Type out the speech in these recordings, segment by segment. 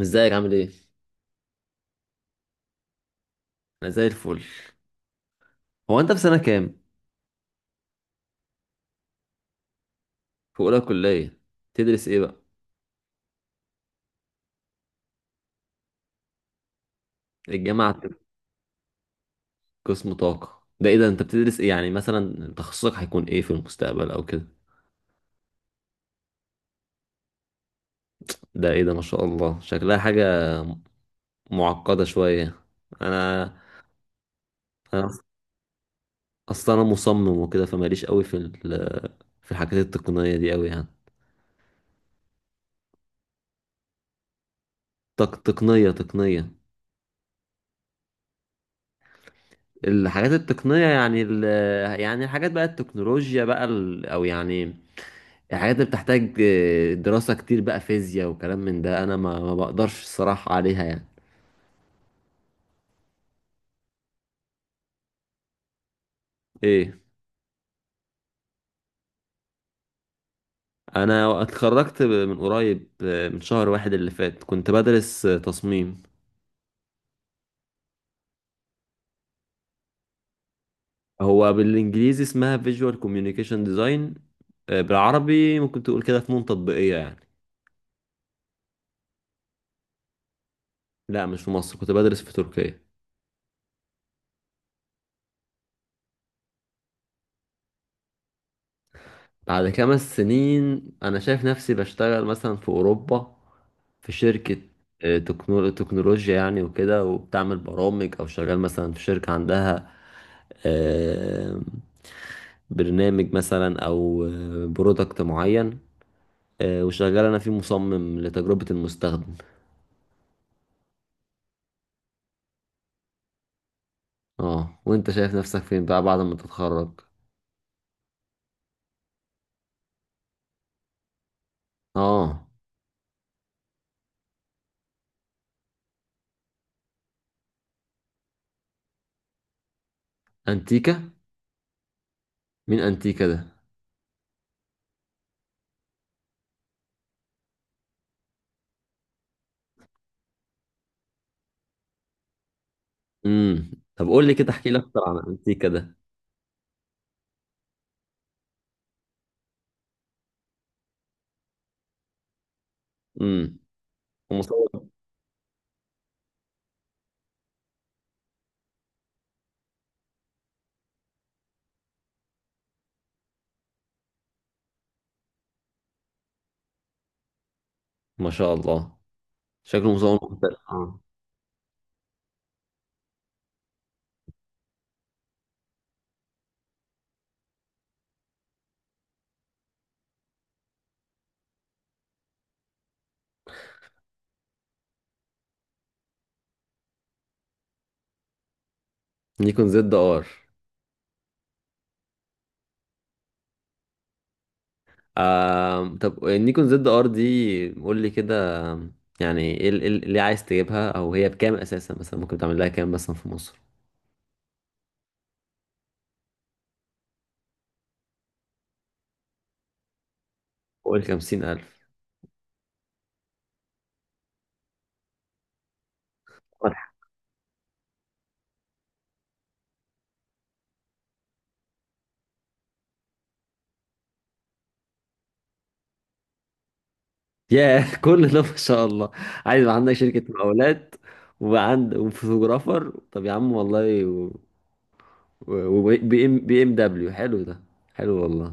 ازيك عامل ايه؟ انا زي الفل. هو انت في سنة كام؟ في اولى كلية، تدرس ايه بقى؟ الجامعة عندك قسم طاقة. ده ايه ده؟ انت بتدرس ايه، يعني مثلا تخصصك هيكون ايه في المستقبل او كده؟ ده ايه ده؟ ما شاء الله شكلها حاجة معقدة شوية. انا انا اصلا انا مصمم وكده، فماليش قوي في في الحاجات التقنية دي قوي يعني. تقنية تقنية. الحاجات التقنية يعني يعني الحاجات بقى التكنولوجيا بقى ال... او يعني الحاجات اللي بتحتاج دراسة كتير بقى، فيزياء وكلام من ده. أنا ما بقدرش الصراحة عليها يعني. إيه؟ أنا اتخرجت من قريب، من شهر واحد اللي فات، كنت بدرس تصميم. هو بالإنجليزي اسمها Visual Communication Design. بالعربي ممكن تقول كده فنون تطبيقية يعني. لا، مش في مصر، كنت بدرس في تركيا. بعد خمس سنين انا شايف نفسي بشتغل مثلا في اوروبا، في شركة تكنولوجيا يعني، وكده وبتعمل برامج، او شغال مثلا في شركة عندها آه، برنامج مثلا، او برودكت معين، وشغال انا فيه مصمم لتجربة المستخدم. اه، وانت شايف نفسك فين بقى بعد ما تتخرج؟ اه، انتيكا؟ مين انتيكا ده؟ امم طب قول لي كده، احكي لي اكتر عن انتيكا ده. امم ما شاء الله، شكله مصور مختلف، اه. نيكون زد ار. آه. طب النيكون زد ار دي، قول لي كده يعني ايه اللي عايز تجيبها، او هي بكام اساسا؟ مثلا ممكن تعمل لها كام مثلا في مصر؟ قول 50,000. ياه، كل ده ما شاء الله! عايز يبقى عندك شركة مقاولات وعند وفوتوغرافر؟ طب يا عم والله. وبي ام بي ام دبليو حلو ده، حلو والله.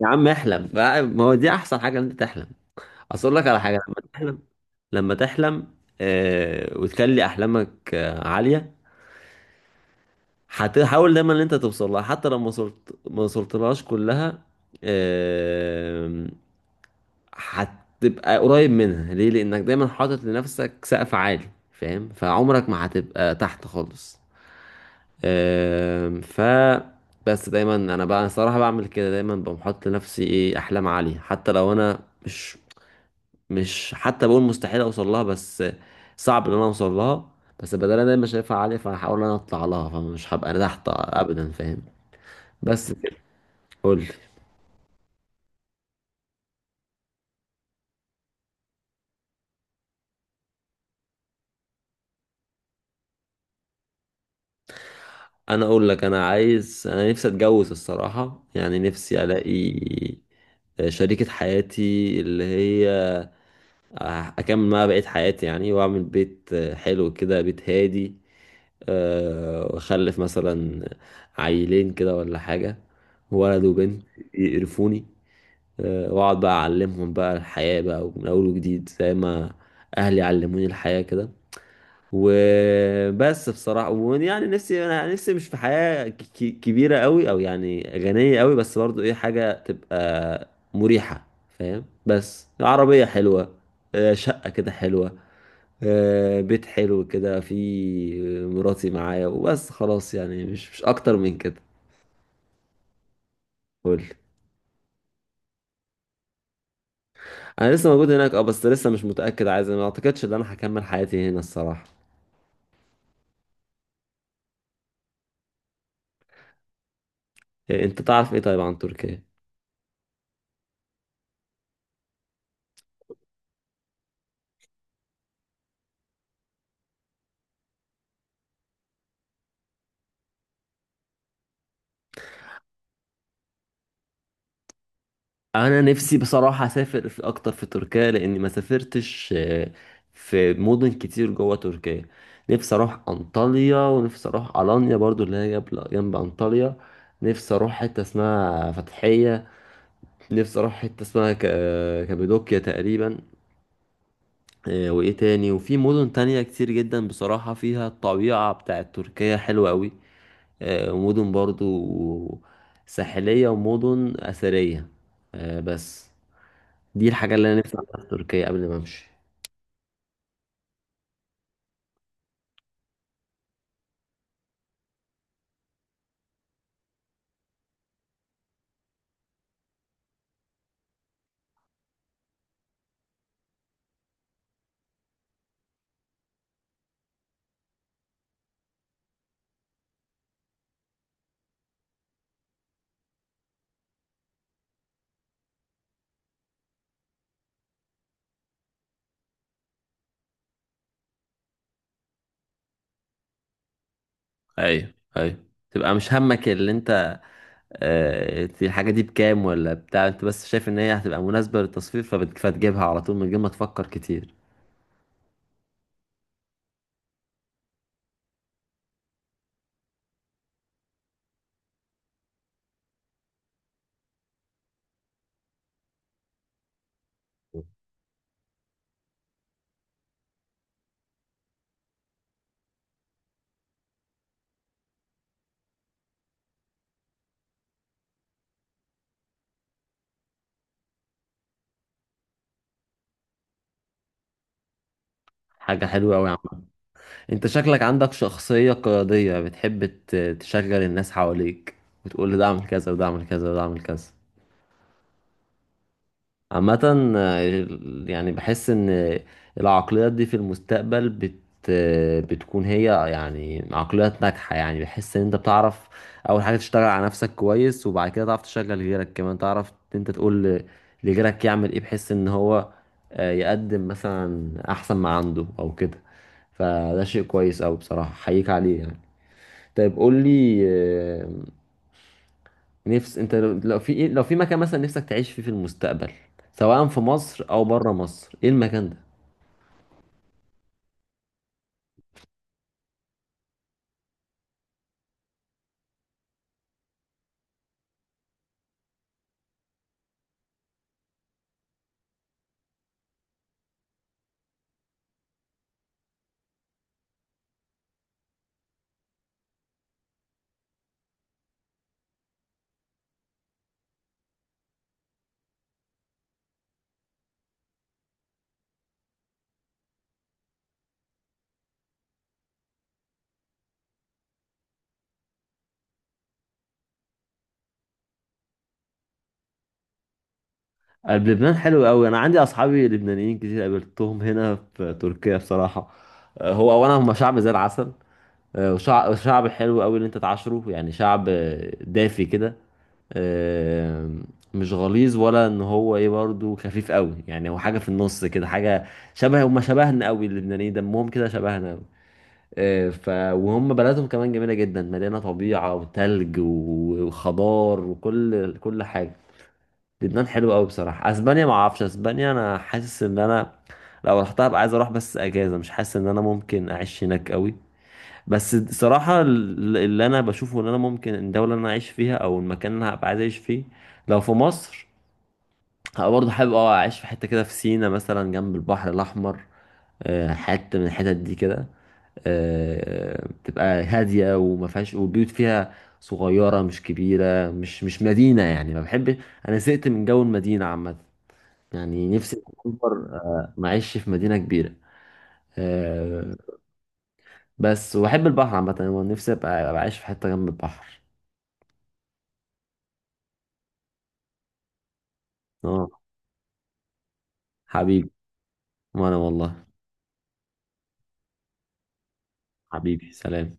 يا عم احلم ما هو دي احسن حاجة ان انت تحلم. اصل اقول لك على حاجه، لما تحلم، وتخلي احلامك عاليه، هتحاول دايما ان انت توصل لها. حتى لو ما وصلتلهاش كلها، آه هتبقى قريب منها. ليه؟ لانك دايما حاطط لنفسك سقف عالي، فاهم؟ فعمرك ما هتبقى تحت خالص. آه ف بس دايما انا بقى الصراحه بعمل كده، دايما بقوم حاطط لنفسي ايه، احلام عاليه. حتى لو انا مش مش حتى بقول مستحيل اوصل لها، بس صعب ان انا اوصل لها. بس بدل انا مش شايفها عاليه، فهحاول ان انا اطلع لها، فمش هبقى انا تحت ابدا، فاهم؟ بس كده. قول لي. انا اقول لك، انا نفسي اتجوز الصراحه يعني، نفسي الاقي شريكه حياتي، اللي هي اكمل معاها بقيه حياتي يعني، واعمل بيت حلو كده، بيت هادي. واخلف مثلا عيلين كده ولا حاجه، ولد وبنت يقرفوني. واقعد بقى اعلمهم بقى الحياة بقى من اول وجديد، زي ما اهلي علموني الحياة كده. وبس بصراحة، ويعني نفسي، انا نفسي مش في حياة كبيرة قوي، او يعني غنية قوي، بس برضو ايه حاجة تبقى مريحة، فاهم؟ بس عربية حلوة، شقة كده حلوة، بيت حلو كده، في مراتي معايا وبس خلاص يعني، مش اكتر من كده. قول. انا لسه موجود هناك، اه. بس لسه مش متاكد، عايز، ما اعتقدش ان انا هكمل حياتي هنا الصراحه. انت تعرف ايه طيب عن تركيا؟ انا نفسي بصراحه اسافر في اكتر في تركيا، لاني ما سافرتش في مدن كتير جوه تركيا. نفسي اروح انطاليا، ونفسي اروح الانيا برضو، اللي هي جنب جنب انطاليا. نفسي اروح حته اسمها فتحيه، نفسي اروح حته اسمها كابادوكيا تقريبا. وايه تاني؟ وفي مدن تانية كتير جدا بصراحه، فيها الطبيعه بتاعت تركيا حلوه قوي، ومدن برضو ساحلية ومدن أثرية. بس دي الحاجة اللي أنا نفسي أعملها في تركيا قبل ما أمشي. ايوه، ايوه. تبقى مش همك اللي أنت، الحاجة دي بكام ولا بتاع، أنت بس شايف إن هي هتبقى مناسبة للتصوير، فتجيبها على طول، من غير ما تفكر كتير. حاجة حلوة أوي يا عم. أنت شكلك عندك شخصية قيادية، بتحب تشغل الناس حواليك، وتقول ده أعمل كذا، وده أعمل كذا، وده أعمل كذا. عامة يعني بحس ان العقليات دي في المستقبل بت آه، بتكون هي يعني عقليات ناجحة. يعني بحس ان انت بتعرف اول حاجة تشتغل على نفسك كويس، وبعد كده تعرف تشغل غيرك كمان. تعرف إن انت تقول لغيرك يعمل ايه، بحيث ان هو يقدم مثلا احسن ما عنده او كده. فده شيء كويس اوي بصراحة، حقيقة عليه يعني. طيب قول لي نفس انت، لو في ايه، لو في مكان مثلا نفسك تعيش فيه في المستقبل، سواء في مصر او بره مصر، ايه المكان ده؟ قلب لبنان حلو قوي. انا عندي اصحابي لبنانيين كتير قابلتهم هنا في تركيا بصراحه. هو اولا هم شعب زي العسل. وشعب حلو قوي اللي انت تعاشره يعني. شعب دافي كده، آه، مش غليظ ولا ان هو ايه، برضو خفيف قوي يعني. هو حاجه في النص كده، حاجه شبه، هم شبهنا قوي. اللبنانيين دمهم كده شبهنا، آه، ف وهم بلدهم كمان جميله جدا، مليانه طبيعه وتلج وخضار، وكل كل حاجه. لبنان حلو قوي بصراحه. اسبانيا ما اعرفش، اسبانيا انا حاسس ان انا لو رحتها ابقى عايز اروح بس اجازه، مش حاسس ان انا ممكن اعيش هناك قوي. بس صراحه اللي انا بشوفه ان انا ممكن، الدوله اللي انا اعيش فيها او المكان اللي انا هبقى عايز اعيش فيه، لو في مصر، هبقى برضه حابب اه اعيش في حته كده في سينا مثلا، جنب البحر الاحمر. حته من الحتت دي كده، بتبقى هادية وما فيهاش، والبيوت فيها صغيرة مش كبيرة، مش مدينة يعني. ما بحبش، أنا زهقت من جو المدينة عامة. يعني نفسي أكبر ما أعيش في مدينة كبيرة. آه، بس وأحب البحر عامة. أنا نفسي أبقى، عايش في حتة جنب البحر. أه، حبيبي. وأنا والله. حبيبي، سلام.